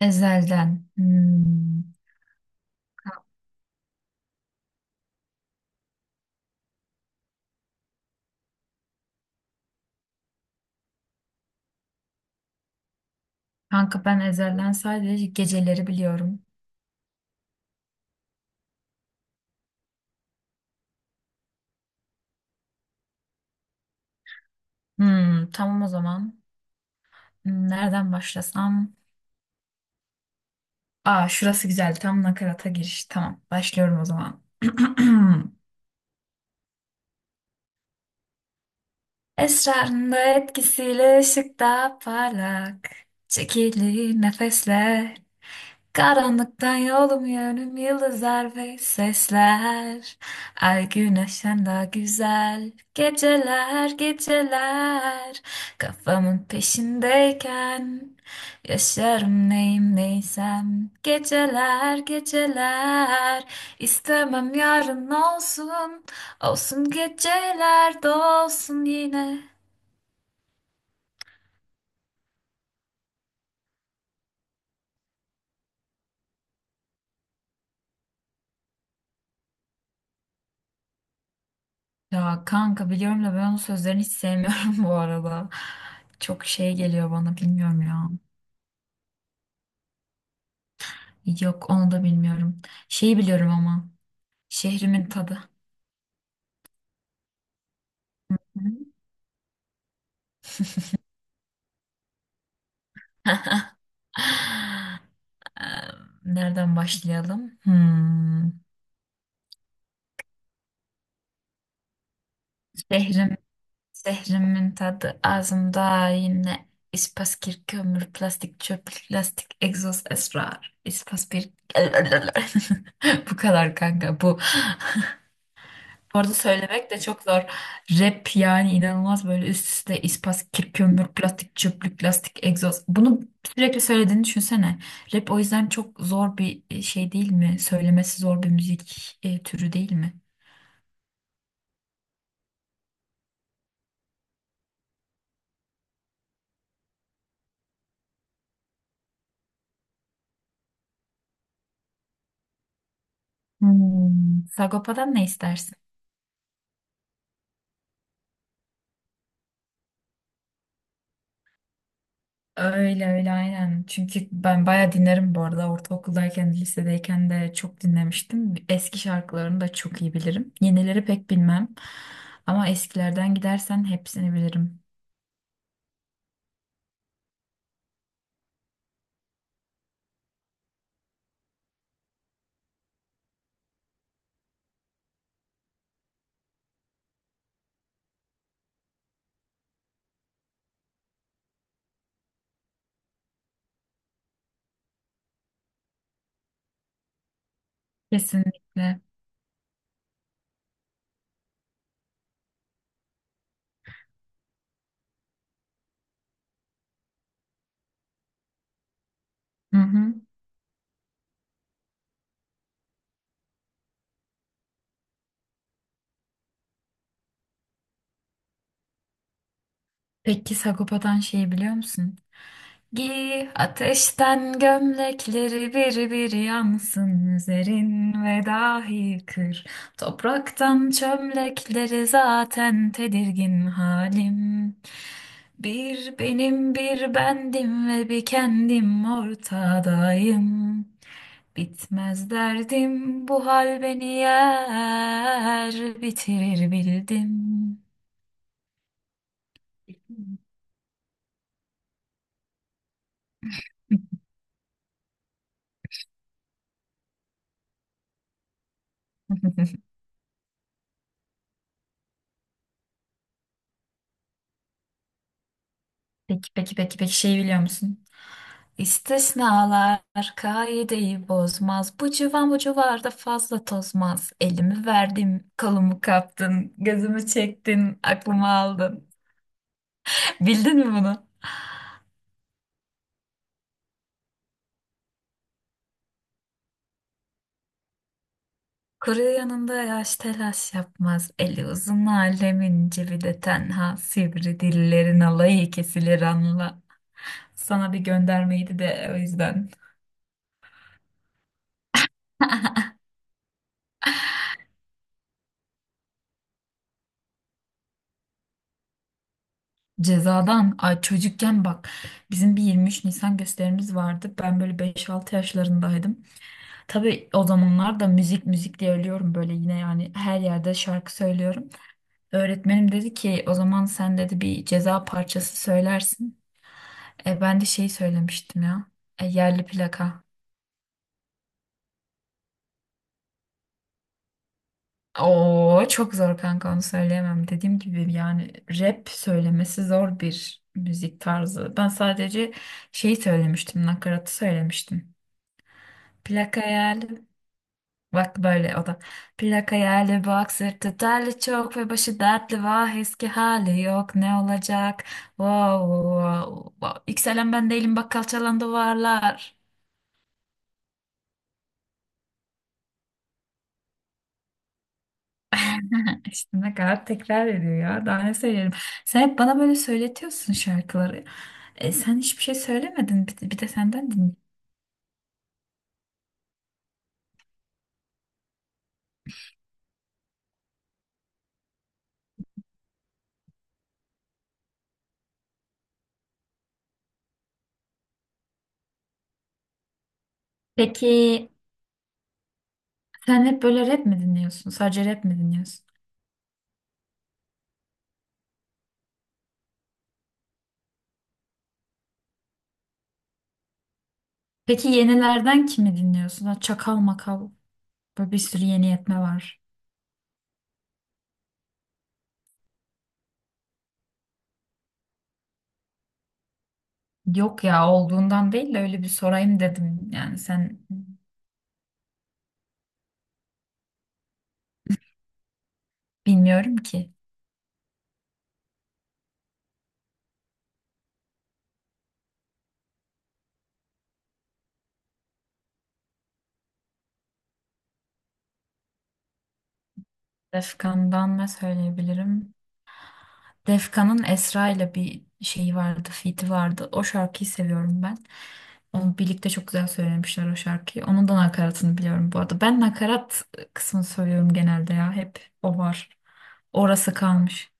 Ezelden. Hmm. Kanka ben Ezelden sadece geceleri biliyorum. Hmm, tamam o zaman. Nereden başlasam? Aa, şurası güzel. Tam nakarata giriş. Tamam. Başlıyorum o zaman. Esrarında etkisiyle ışıkta parlak. Çekili nefesler. Karanlıktan yolum yönüm yıldızlar ve sesler. Ay güneşten daha güzel, geceler geceler. Kafamın peşindeyken yaşarım neyim neysem, geceler geceler. İstemem yarın olsun, olsun geceler dolsun yine. Ya kanka, biliyorum da ben onun sözlerini hiç sevmiyorum bu arada. Çok şey geliyor bana, bilmiyorum ya. Yok, onu da bilmiyorum. Şeyi biliyorum ama. Şehrimin tadı. Hı. Eee, Nereden başlayalım? Hmm. Şehrim, şehrimin tadı ağzımda yine ispas, kir, kömür, plastik, çöp, plastik, egzoz, esrar, ispas bir bu kadar kanka, bu orada söylemek de çok zor. Rap yani inanılmaz, böyle üst üste ispas, kir, kömür, plastik, çöplük, lastik, egzoz. Bunu sürekli söylediğini düşünsene. Rap o yüzden çok zor bir şey değil mi? Söylemesi zor bir müzik türü değil mi? Hmm. Sagopa'dan ne istersin? Öyle öyle, aynen. Çünkü ben bayağı dinlerim bu arada. Ortaokuldayken, lisedeyken de çok dinlemiştim. Eski şarkılarını da çok iyi bilirim. Yenileri pek bilmem. Ama eskilerden gidersen hepsini bilirim. Kesinlikle. Hı hı. Peki Sagopa'dan şeyi biliyor musun? Giy ateşten gömlekleri, bir bir yansın üzerin ve dahi kır. Topraktan çömlekleri, zaten tedirgin halim. Bir benim, bir bendim ve bir kendim ortadayım. Bitmez derdim, bu hal beni yer bitirir. Bildim. Peki peki peki peki, şey biliyor musun? İstisnalar kaideyi bozmaz. Bu civan bu civarda fazla tozmaz. Elimi verdim, kolumu kaptın, gözümü çektin, aklımı aldın. Bildin mi bunu? Kuru yanında yaş telaş yapmaz. Eli uzun alemin cebi de tenha. Sivri dillerin alayı kesilir anla. Sana bir göndermeydi de o yüzden. Cezadan, ay çocukken bak, bizim bir 23 Nisan gösterimiz vardı. Ben böyle beş altı yaşlarındaydım. Tabii o zamanlar da müzik müzik diye ölüyorum böyle, yine yani her yerde şarkı söylüyorum. Öğretmenim dedi ki o zaman, sen dedi bir ceza parçası söylersin. Ben de şey söylemiştim ya. Yerli plaka. Oo, çok zor kanka, onu söyleyemem. Dediğim gibi yani rap söylemesi zor bir müzik tarzı. Ben sadece şey söylemiştim, nakaratı söylemiştim. Plak hayali. Bak böyle o da. Plak hayali, bak sırtı terli çok ve başı dertli, vah eski hali yok ne olacak. Wow, wow, wow. Yükselen ben değilim, bak kalçalandı varlar. İşte ne kadar tekrar ediyor ya, daha ne söyleyelim. Sen hep bana böyle söyletiyorsun şarkıları. Sen hiçbir şey söylemedin, bir de senden dinle. Peki sen hep böyle rap mi dinliyorsun? Sadece rap mi dinliyorsun? Peki yenilerden kimi dinliyorsun? Ha, Çakal makal. Böyle bir sürü yeni yetme var. Yok ya, olduğundan değil de öyle bir sorayım dedim. Yani sen bilmiyorum ki. Defkan'dan ne söyleyebilirim? Defkan'ın Esra ile bir şeyi vardı, feat'i vardı. O şarkıyı seviyorum ben. Onu birlikte çok güzel söylemişler o şarkıyı. Onun da nakaratını biliyorum bu arada. Ben nakarat kısmını söylüyorum genelde ya. Hep o var. Orası kalmış.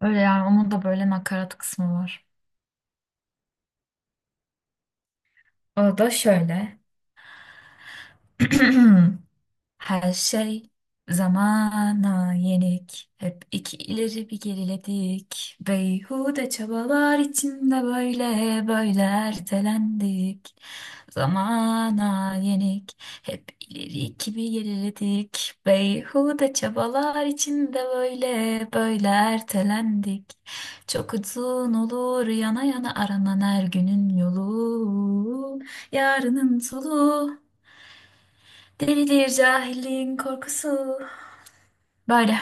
Öyle yani onun da böyle nakarat kısmı var. O da şöyle. Her şey zamana yenik. Hep iki ileri bir geriledik. Beyhude çabalar içinde böyle böyle ertelendik. Zamana yenik. Hep ileri iki bir geriledik. Beyhude çabalar içinde böyle böyle ertelendik. Çok uzun olur yana yana aranan her günün yolu. Yarının soluğu. Delidir cahilliğin korkusu. Böyle.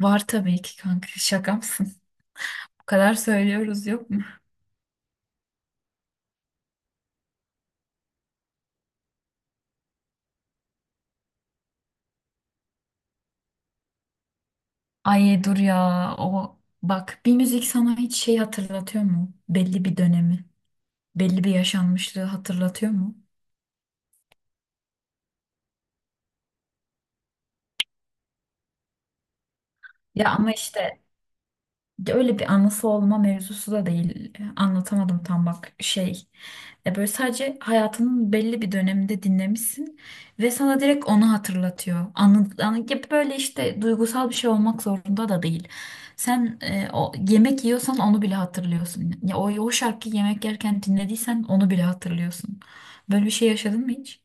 Var tabii ki kanka. Şaka mısın? Bu kadar söylüyoruz, yok mu? Ay, dur ya. O, bak bir müzik sana hiç şey hatırlatıyor mu? Belli bir dönemi, belli bir yaşanmışlığı hatırlatıyor mu? Ya ama işte de öyle bir anası olma mevzusu da değil. Anlatamadım tam bak, şey. Böyle sadece hayatının belli bir döneminde dinlemişsin ve sana direkt onu hatırlatıyor. Anladığın gibi, böyle işte duygusal bir şey olmak zorunda da değil. Sen o yemek yiyorsan onu bile hatırlıyorsun. Ya o şarkıyı yemek yerken dinlediysen onu bile hatırlıyorsun. Böyle bir şey yaşadın mı hiç?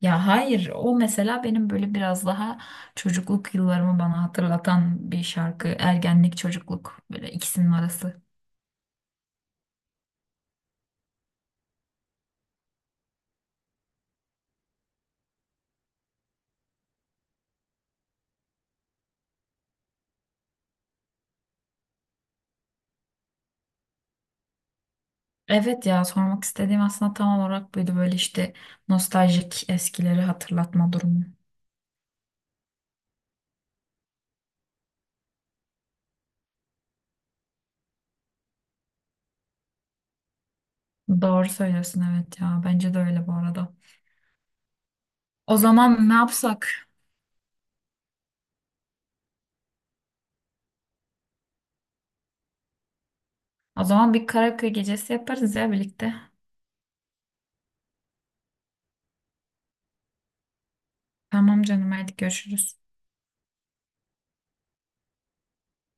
Ya hayır, o mesela benim böyle biraz daha çocukluk yıllarımı bana hatırlatan bir şarkı. Ergenlik, çocukluk, böyle ikisinin arası. Evet ya, sormak istediğim aslında tam olarak buydu, böyle işte nostaljik, eskileri hatırlatma durumu. Doğru söylüyorsun, evet ya bence de öyle bu arada. O zaman ne yapsak? O zaman bir karaoke gecesi yaparız ya birlikte. Tamam canım, hadi görüşürüz.